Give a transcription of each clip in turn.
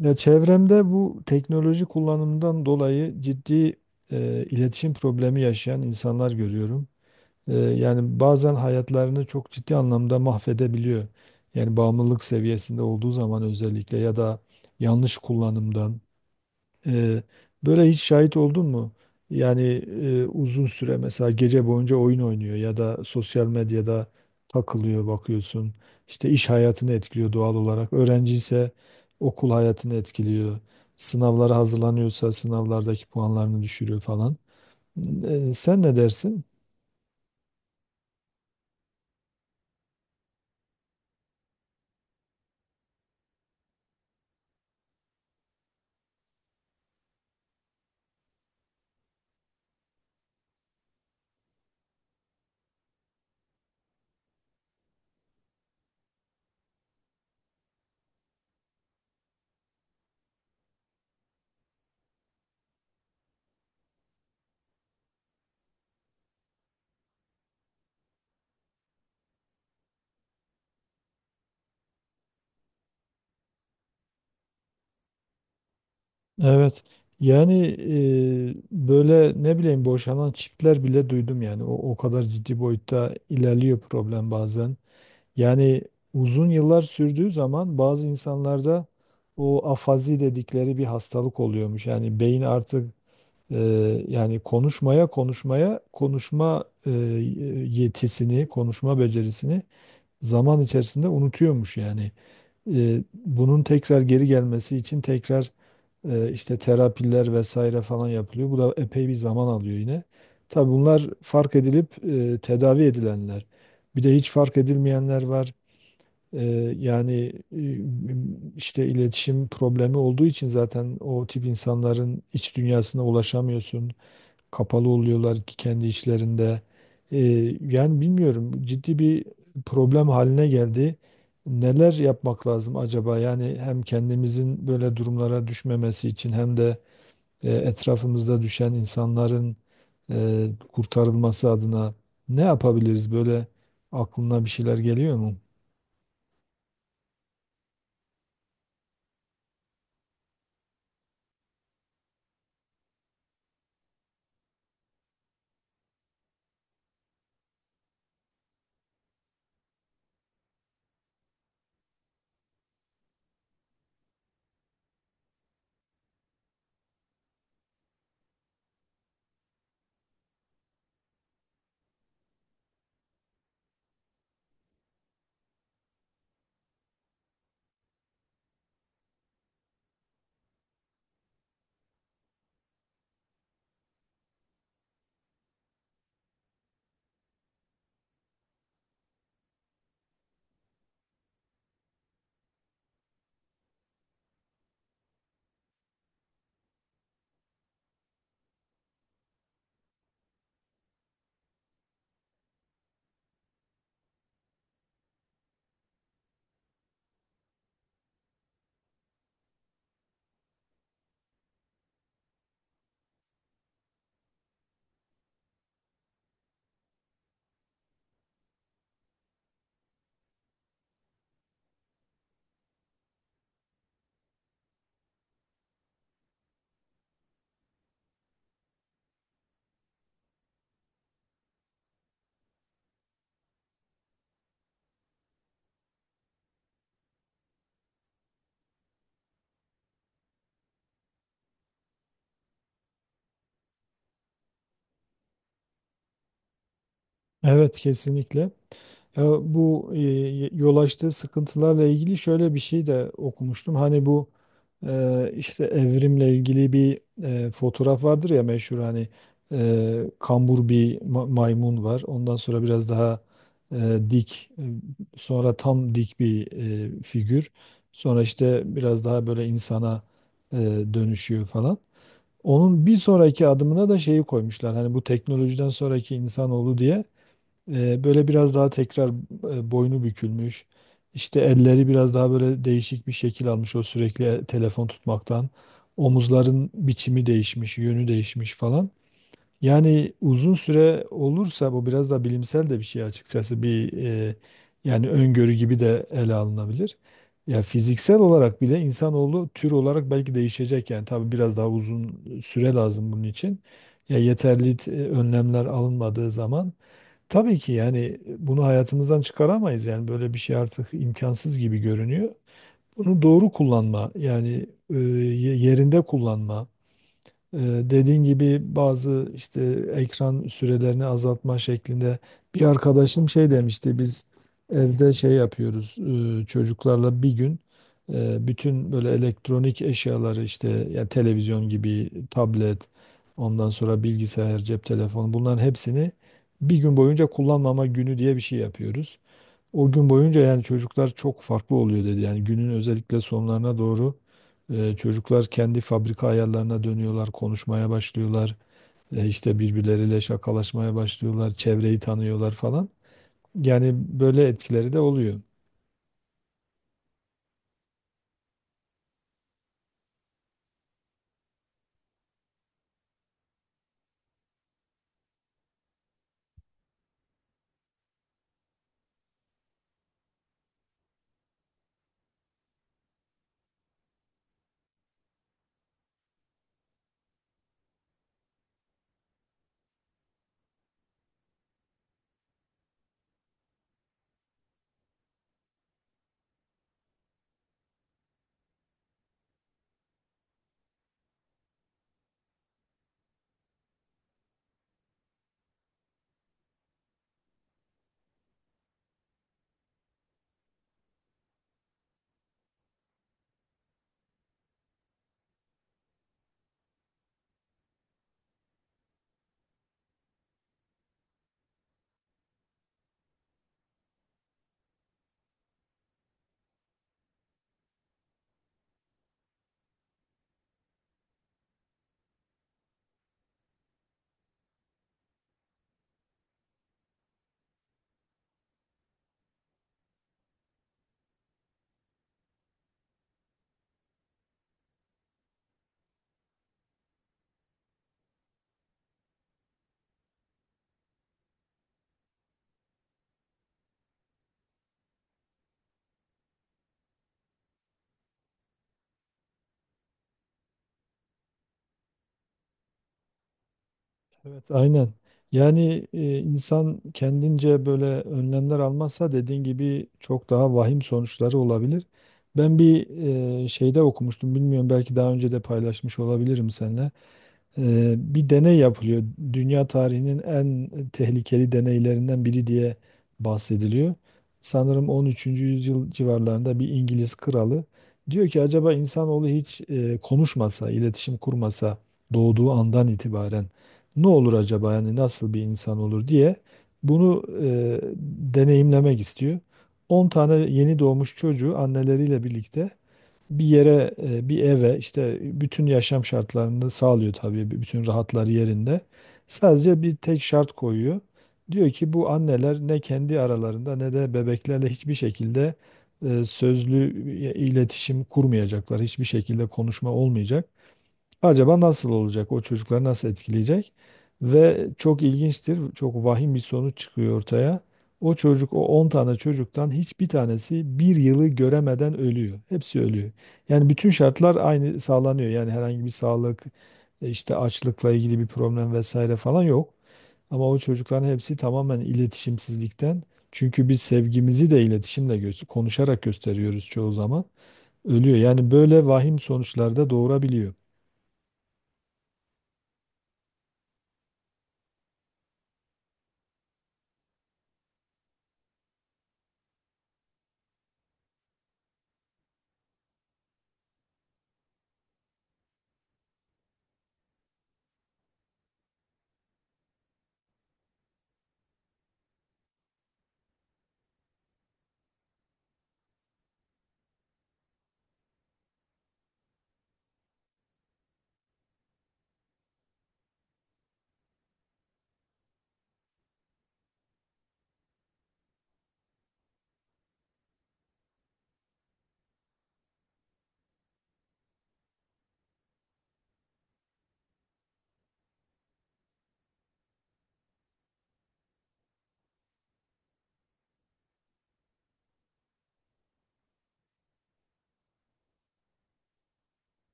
Ya çevremde bu teknoloji kullanımından dolayı ciddi iletişim problemi yaşayan insanlar görüyorum. Yani bazen hayatlarını çok ciddi anlamda mahvedebiliyor. Yani bağımlılık seviyesinde olduğu zaman özellikle ya da yanlış kullanımdan. Ee, böyle hiç şahit oldun mu? Yani uzun süre mesela gece boyunca oyun oynuyor ya da sosyal medyada takılıyor bakıyorsun. İşte iş hayatını etkiliyor doğal olarak. Öğrenci ise okul hayatını etkiliyor. Sınavlara hazırlanıyorsa sınavlardaki puanlarını düşürüyor falan. Sen ne dersin? Evet. Yani böyle ne bileyim boşanan çiftler bile duydum yani. O kadar ciddi boyutta ilerliyor problem bazen. Yani uzun yıllar sürdüğü zaman bazı insanlarda o afazi dedikleri bir hastalık oluyormuş. Yani beyin artık e, yani konuşmaya konuşmaya konuşma yetisini, konuşma becerisini zaman içerisinde unutuyormuş yani. Bunun tekrar geri gelmesi için tekrar işte terapiler vesaire falan yapılıyor. Bu da epey bir zaman alıyor yine. Tabii bunlar fark edilip tedavi edilenler. Bir de hiç fark edilmeyenler var. Yani işte iletişim problemi olduğu için zaten o tip insanların iç dünyasına ulaşamıyorsun. Kapalı oluyorlar ki kendi içlerinde. Ee, yani bilmiyorum ciddi bir problem haline geldi. Neler yapmak lazım acaba? Yani hem kendimizin böyle durumlara düşmemesi için hem de etrafımızda düşen insanların kurtarılması adına ne yapabiliriz? Böyle aklına bir şeyler geliyor mu? Evet, kesinlikle. Ya bu yol açtığı sıkıntılarla ilgili şöyle bir şey de okumuştum. Hani bu işte evrimle ilgili bir fotoğraf vardır ya meşhur hani kambur bir maymun var. Ondan sonra biraz daha dik, sonra tam dik bir figür. Sonra işte biraz daha böyle insana e, dönüşüyor falan. Onun bir sonraki adımına da şeyi koymuşlar. Hani bu teknolojiden sonraki insanoğlu diye böyle biraz daha tekrar boynu bükülmüş. İşte elleri biraz daha böyle değişik bir şekil almış o sürekli telefon tutmaktan. Omuzların biçimi değişmiş, yönü değişmiş falan. Yani uzun süre olursa bu biraz da bilimsel de bir şey açıkçası, bir yani öngörü gibi de ele alınabilir. Ya fiziksel olarak bile insanoğlu tür olarak belki değişecek yani, tabii biraz daha uzun süre lazım bunun için. Ya yeterli önlemler alınmadığı zaman tabii ki, yani bunu hayatımızdan çıkaramayız yani, böyle bir şey artık imkansız gibi görünüyor. Bunu doğru kullanma, yani yerinde kullanma. Ee, Dediğin gibi bazı işte ekran sürelerini azaltma şeklinde bir arkadaşım şey demişti, biz evde şey yapıyoruz, çocuklarla bir gün bütün böyle elektronik eşyaları, işte ya televizyon gibi tablet, ondan sonra bilgisayar, cep telefonu, bunların hepsini bir gün boyunca kullanmama günü diye bir şey yapıyoruz. O gün boyunca yani çocuklar çok farklı oluyor dedi. Yani günün özellikle sonlarına doğru çocuklar kendi fabrika ayarlarına dönüyorlar, konuşmaya başlıyorlar. E, işte birbirleriyle şakalaşmaya başlıyorlar, çevreyi tanıyorlar falan. Yani böyle etkileri de oluyor. Evet, aynen. Yani insan kendince böyle önlemler almazsa dediğin gibi çok daha vahim sonuçları olabilir. Ben bir şeyde okumuştum, bilmiyorum, belki daha önce de paylaşmış olabilirim seninle. Bir deney yapılıyor. Dünya tarihinin en tehlikeli deneylerinden biri diye bahsediliyor. Sanırım 13. yüzyıl civarlarında bir İngiliz kralı diyor ki acaba insanoğlu hiç konuşmasa, iletişim kurmasa, doğduğu andan itibaren ne olur acaba, yani nasıl bir insan olur diye bunu deneyimlemek istiyor. 10 tane yeni doğmuş çocuğu anneleriyle birlikte bir yere, bir eve, işte bütün yaşam şartlarını sağlıyor tabii, bütün rahatları yerinde. Sadece bir tek şart koyuyor. Diyor ki bu anneler ne kendi aralarında ne de bebeklerle hiçbir şekilde sözlü iletişim kurmayacaklar. Hiçbir şekilde konuşma olmayacak. Acaba nasıl olacak? O çocukları nasıl etkileyecek? Ve çok ilginçtir. Çok vahim bir sonuç çıkıyor ortaya. O çocuk, o 10 tane çocuktan hiçbir tanesi bir yılı göremeden ölüyor. Hepsi ölüyor. Yani bütün şartlar aynı sağlanıyor. Yani herhangi bir sağlık, işte açlıkla ilgili bir problem vesaire falan yok. Ama o çocukların hepsi tamamen iletişimsizlikten. Çünkü biz sevgimizi de iletişimle göster konuşarak gösteriyoruz çoğu zaman. Ölüyor. Yani böyle vahim sonuçlar da doğurabiliyor.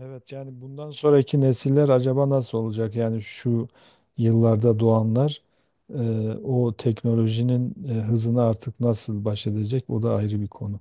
Evet, yani bundan sonraki nesiller acaba nasıl olacak? Yani şu yıllarda doğanlar e, o teknolojinin hızını artık nasıl baş edecek? O da ayrı bir konu.